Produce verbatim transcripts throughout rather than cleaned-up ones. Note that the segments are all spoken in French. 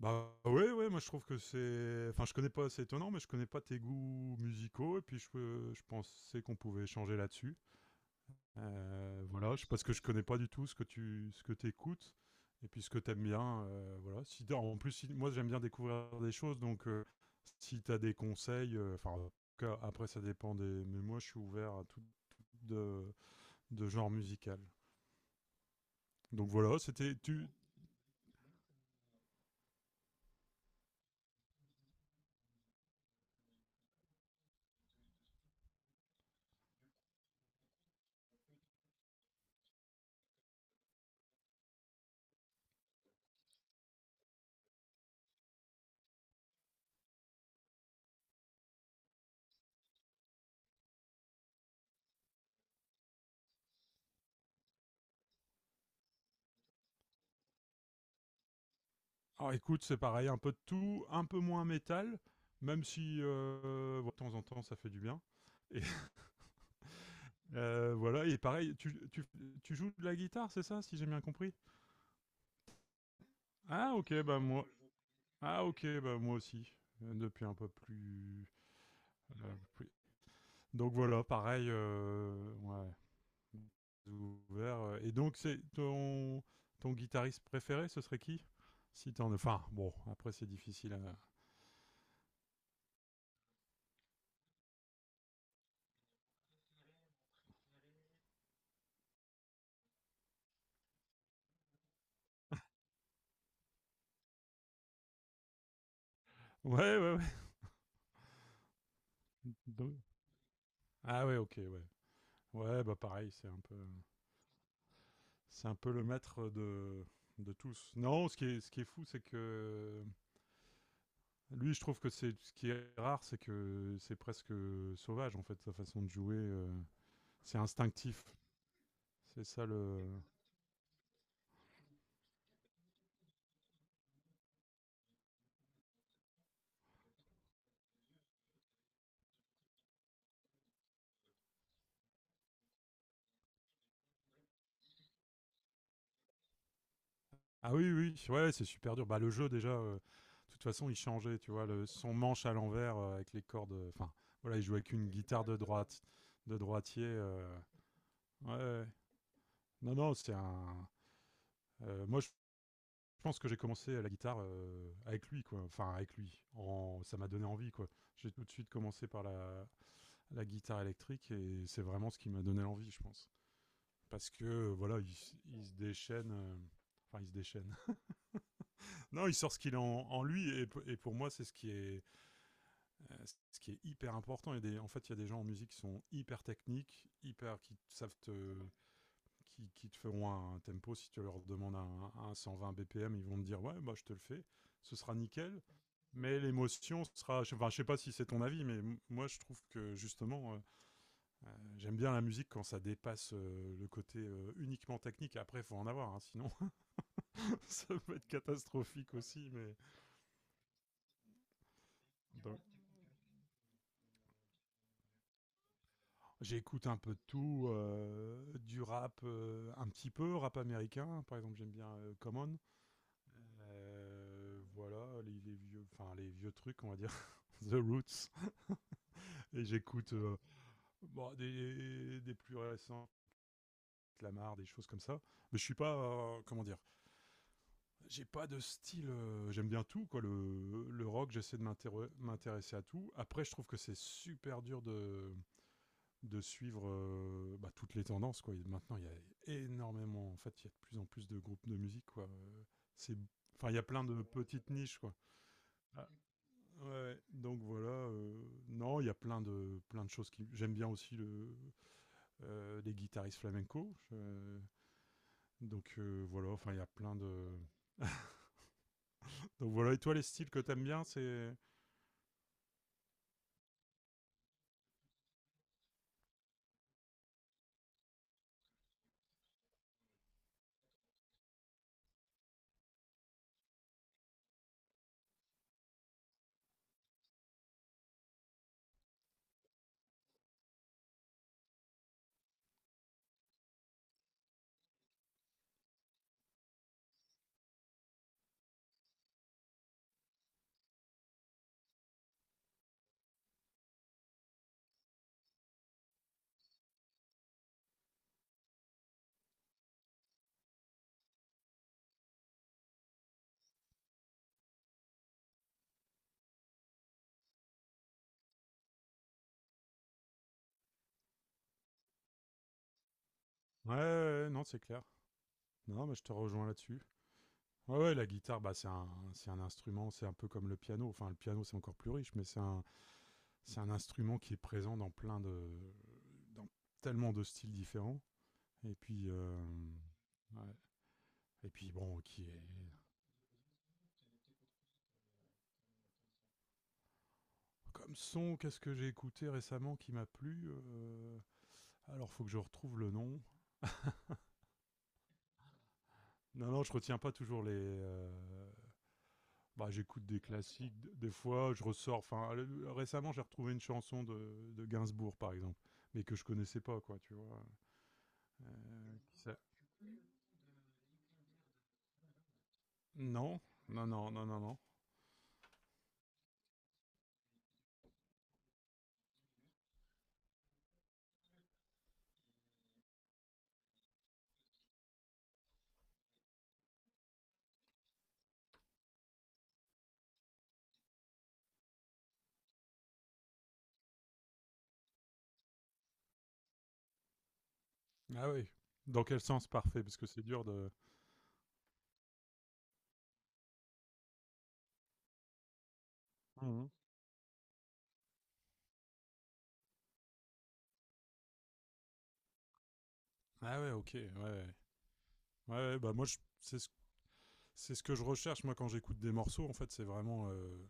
Bah ouais, ouais, moi je trouve que c'est... Enfin, je connais pas, c'est étonnant, mais je connais pas tes goûts musicaux, et puis je, peux- je pensais qu'on pouvait échanger là-dessus. Euh, voilà, je, parce que je connais pas du tout ce que tu ce que t'écoutes, et puis ce que t'aimes bien, euh, voilà. Si, t'as- en plus, si- moi j'aime bien découvrir des choses, donc euh, si t'as des conseils, euh, enfin, en tout cas, après ça dépend des... Mais moi je suis ouvert à tout, tout de, de genre musical. Donc voilà, c'était... Tu, Alors écoute, c'est pareil, un peu de tout, un peu moins métal, même si euh, de temps en temps ça fait du bien. Et euh, voilà, et pareil, tu, tu, tu joues de la guitare, c'est ça, si j'ai bien compris? Ah ok, bah moi, ah ok, bah moi aussi, euh, depuis un peu plus. euh, plus- Donc voilà, pareil, euh, ouais, ouvert. euh, Et donc c'est ton ton guitariste préféré, ce serait qui? Si t'en, enfin bon, après c'est difficile à. Ouais, ouais, ouais. Donc- ah ouais, ok, ouais. Ouais, bah pareil, c'est un peu, c'est un peu le maître de, de tous. Non, ce qui est, ce qui est fou, c'est que lui, je trouve que c'est ce qui est rare, c'est que c'est presque sauvage en fait sa façon de jouer. Euh, c'est instinctif. C'est ça le. Ah oui, oui, ouais, c'est super dur. Bah le jeu déjà, euh, de toute façon, il changeait, tu vois, le, son manche à l'envers euh, avec les cordes. euh, Enfin, voilà, il jouait avec une guitare de droite, de droitier. Euh, ouais, ouais. non, non, c'est un. Euh, moi, je, Je pense que j'ai commencé à la guitare euh, avec lui, quoi. Enfin, avec lui. En... Ça m'a donné envie, quoi. J'ai tout de suite commencé par la, la guitare électrique et c'est vraiment ce qui m'a donné envie, je pense. Parce que, euh, voilà, il, il se déchaîne. euh, Enfin, il se déchaîne. non, il sort ce qu'il a en, en lui et, et pour moi, c'est ce qui est, euh, ce qui est hyper important. Il des- en fait, il y a des gens en musique qui sont hyper techniques, hyper, qui savent te, qui, qui te feront un tempo. Si tu leur demandes un, un cent vingt B P M, ils vont te dire ouais, bah, je te le fais, ce sera nickel. Mais l'émotion sera, enfin, je sais pas si c'est ton avis, mais moi je trouve que justement, euh, euh, j'aime bien la musique quand ça dépasse euh, le côté euh, uniquement technique. Après, il faut en avoir, hein, sinon ça peut être catastrophique aussi. Mais donc, j'écoute un peu de tout, euh, du rap, euh, un petit peu rap américain. Par exemple, j'aime bien euh, Common. Euh, voilà, les, les vieux, enfin les vieux trucs, on va dire, The Roots. Et j'écoute euh, bon, des, des plus récents, Lamar, des choses comme ça. Mais je suis pas, euh, comment dire, j'ai pas de style. euh, J'aime bien tout, quoi. Le, le rock, j'essaie de m'intér- m'intéresser à tout. Après, je trouve que c'est super dur de de suivre euh, bah, toutes les tendances, quoi. Et maintenant, il y a énormément, en fait, il y a de plus en plus de groupes de musique, quoi. Euh, C'est, enfin, il y a plein de petites niches, quoi. Ouais, ouais. Donc voilà. euh, non, il y a plein de, plein de choses qui. J'aime bien aussi le, euh, les guitaristes flamenco. je- donc euh, voilà, enfin, il y a plein de. Donc voilà, et toi, les styles que t'aimes bien, c'est. Ouais, ouais, ouais, non, c'est clair. Non, mais je te rejoins là-dessus. Ouais, ouais, la guitare, bah, c'est un, c'est un instrument, c'est un peu comme le piano. Enfin, le piano, c'est encore plus riche, mais c'est un, C'est un instrument qui est présent dans plein de. Dans tellement de styles différents. Et puis. Euh, ouais. Et puis bon, qui est comme son, qu'est-ce que j'ai écouté récemment qui m'a plu? Euh, Alors, faut que je retrouve le nom. Non, non, je retiens pas toujours les. Euh, Bah, j'écoute des classiques. d- Des fois, je ressors. Enfin, le- récemment, j'ai retrouvé une chanson de, de Gainsbourg, par exemple, mais que je connaissais pas, quoi, tu vois. Euh, ça- non, non, non, non, non, non. Ah oui. Dans quel sens parfait? Parce que c'est dur de. Mhm. Ah ouais, ok. Ouais, ouais. Ouais, ouais, bah moi, je- c'est ce, c'est ce que je recherche, moi, quand j'écoute des morceaux. En fait, c'est vraiment. Euh,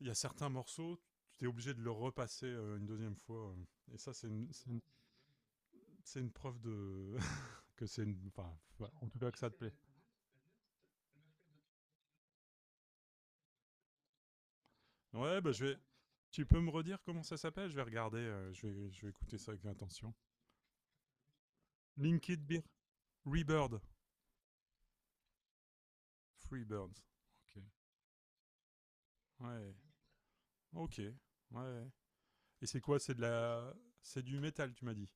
il y a certains morceaux, tu t'es obligé de le repasser euh, une deuxième fois. Euh. Et ça, c'est une, c'est une- c'est une preuve de que c'est une, enfin, voilà, en tout cas que ça te plaît. Ouais, bah je vais. Tu peux me redire comment ça s'appelle? Je vais regarder. Euh, je vais, je vais écouter ça avec attention. Linked Beer, Rebird, Freebirds. Ok. Ouais. Ok. Ouais. Et c'est quoi? C'est de la, c'est du métal, tu m'as dit.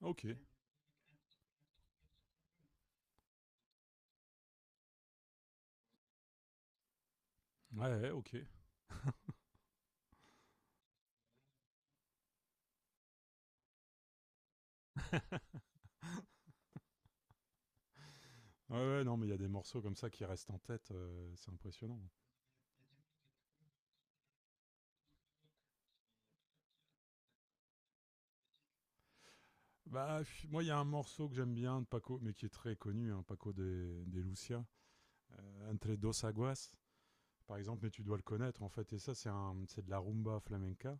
Ok. Ouais, ouais, ok. Ouais, ouais, non, mais il y a des morceaux comme ça qui restent en tête. Euh, c'est impressionnant. Bah, pff, moi, il y a un morceau que j'aime bien de Paco, mais qui est très connu, hein, Paco des, des Lucia, euh, Entre dos aguas, par exemple, mais tu dois le connaître, en fait, et ça, c'est un- c'est de la rumba flamenca.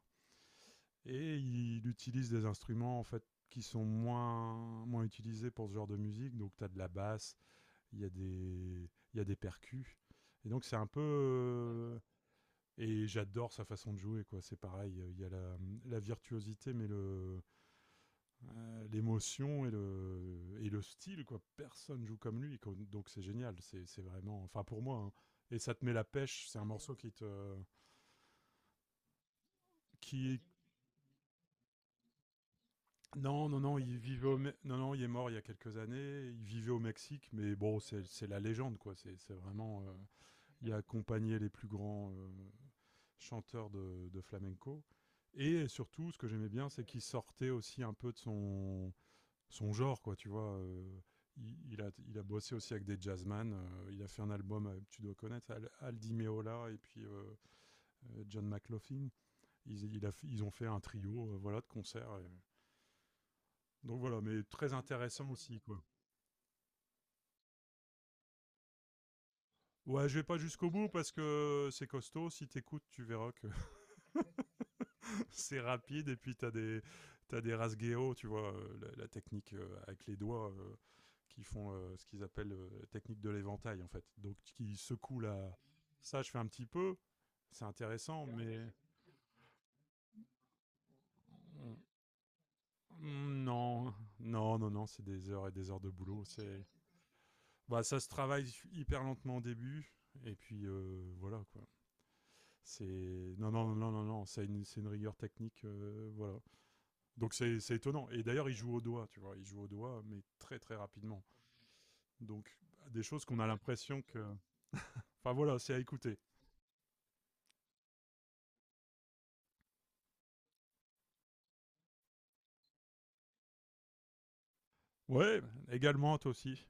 Et il utilise des instruments, en fait, qui sont moins, moins utilisés pour ce genre de musique. Donc, tu as de la basse, il y a des, il y a des percus. Et donc, c'est un peu... euh, et j'adore sa façon de jouer, quoi. C'est pareil, il y a la, la virtuosité, mais le, Euh, l'émotion et le, et le style, quoi. Personne joue comme lui, quoi. Donc c'est génial. C'est c'est vraiment, enfin pour moi, hein. Et ça te met la pêche. C'est un morceau qui te, qui, non, non, non, il vivait au, Me- non, non, il est mort il y a quelques années. Il vivait au Mexique, mais bon, c'est c'est la légende, quoi. C'est c'est vraiment, euh, il a accompagné les plus grands euh, chanteurs de, de flamenco. Et surtout, ce que j'aimais bien, c'est qu'il sortait aussi un peu de son, son genre, quoi, tu vois. Euh, il, il a, il a bossé aussi avec des jazzman. Euh, il a fait un album, euh, tu dois connaître, Al- Aldi Meola et puis euh, euh, John McLaughlin. Ils, il a ils ont fait un trio, euh, voilà, de concerts. Et- donc voilà, mais très intéressant aussi, quoi. Ouais, je vais pas jusqu'au bout parce que c'est costaud. Si t'écoutes, tu verras que c'est rapide et puis t'as des t'as des rasgueo, tu vois, euh, la, la technique euh, avec les doigts euh, qui font euh, ce qu'ils appellent euh, la technique de l'éventail en fait. Donc qui secouent la ça je fais un petit peu, c'est intéressant mais mm, non, non non non, c'est des heures et des heures de boulot, c'est bah ça se travaille hyper lentement au début et puis euh, voilà quoi. C'est non non non non non, c'est une c'est une rigueur technique euh, voilà, donc c'est c'est étonnant. Et d'ailleurs, il joue au doigt, tu vois. Il joue au doigt, mais très très rapidement. Donc des choses qu'on a l'impression que. Enfin voilà, c'est à écouter. Ouais, également, toi aussi.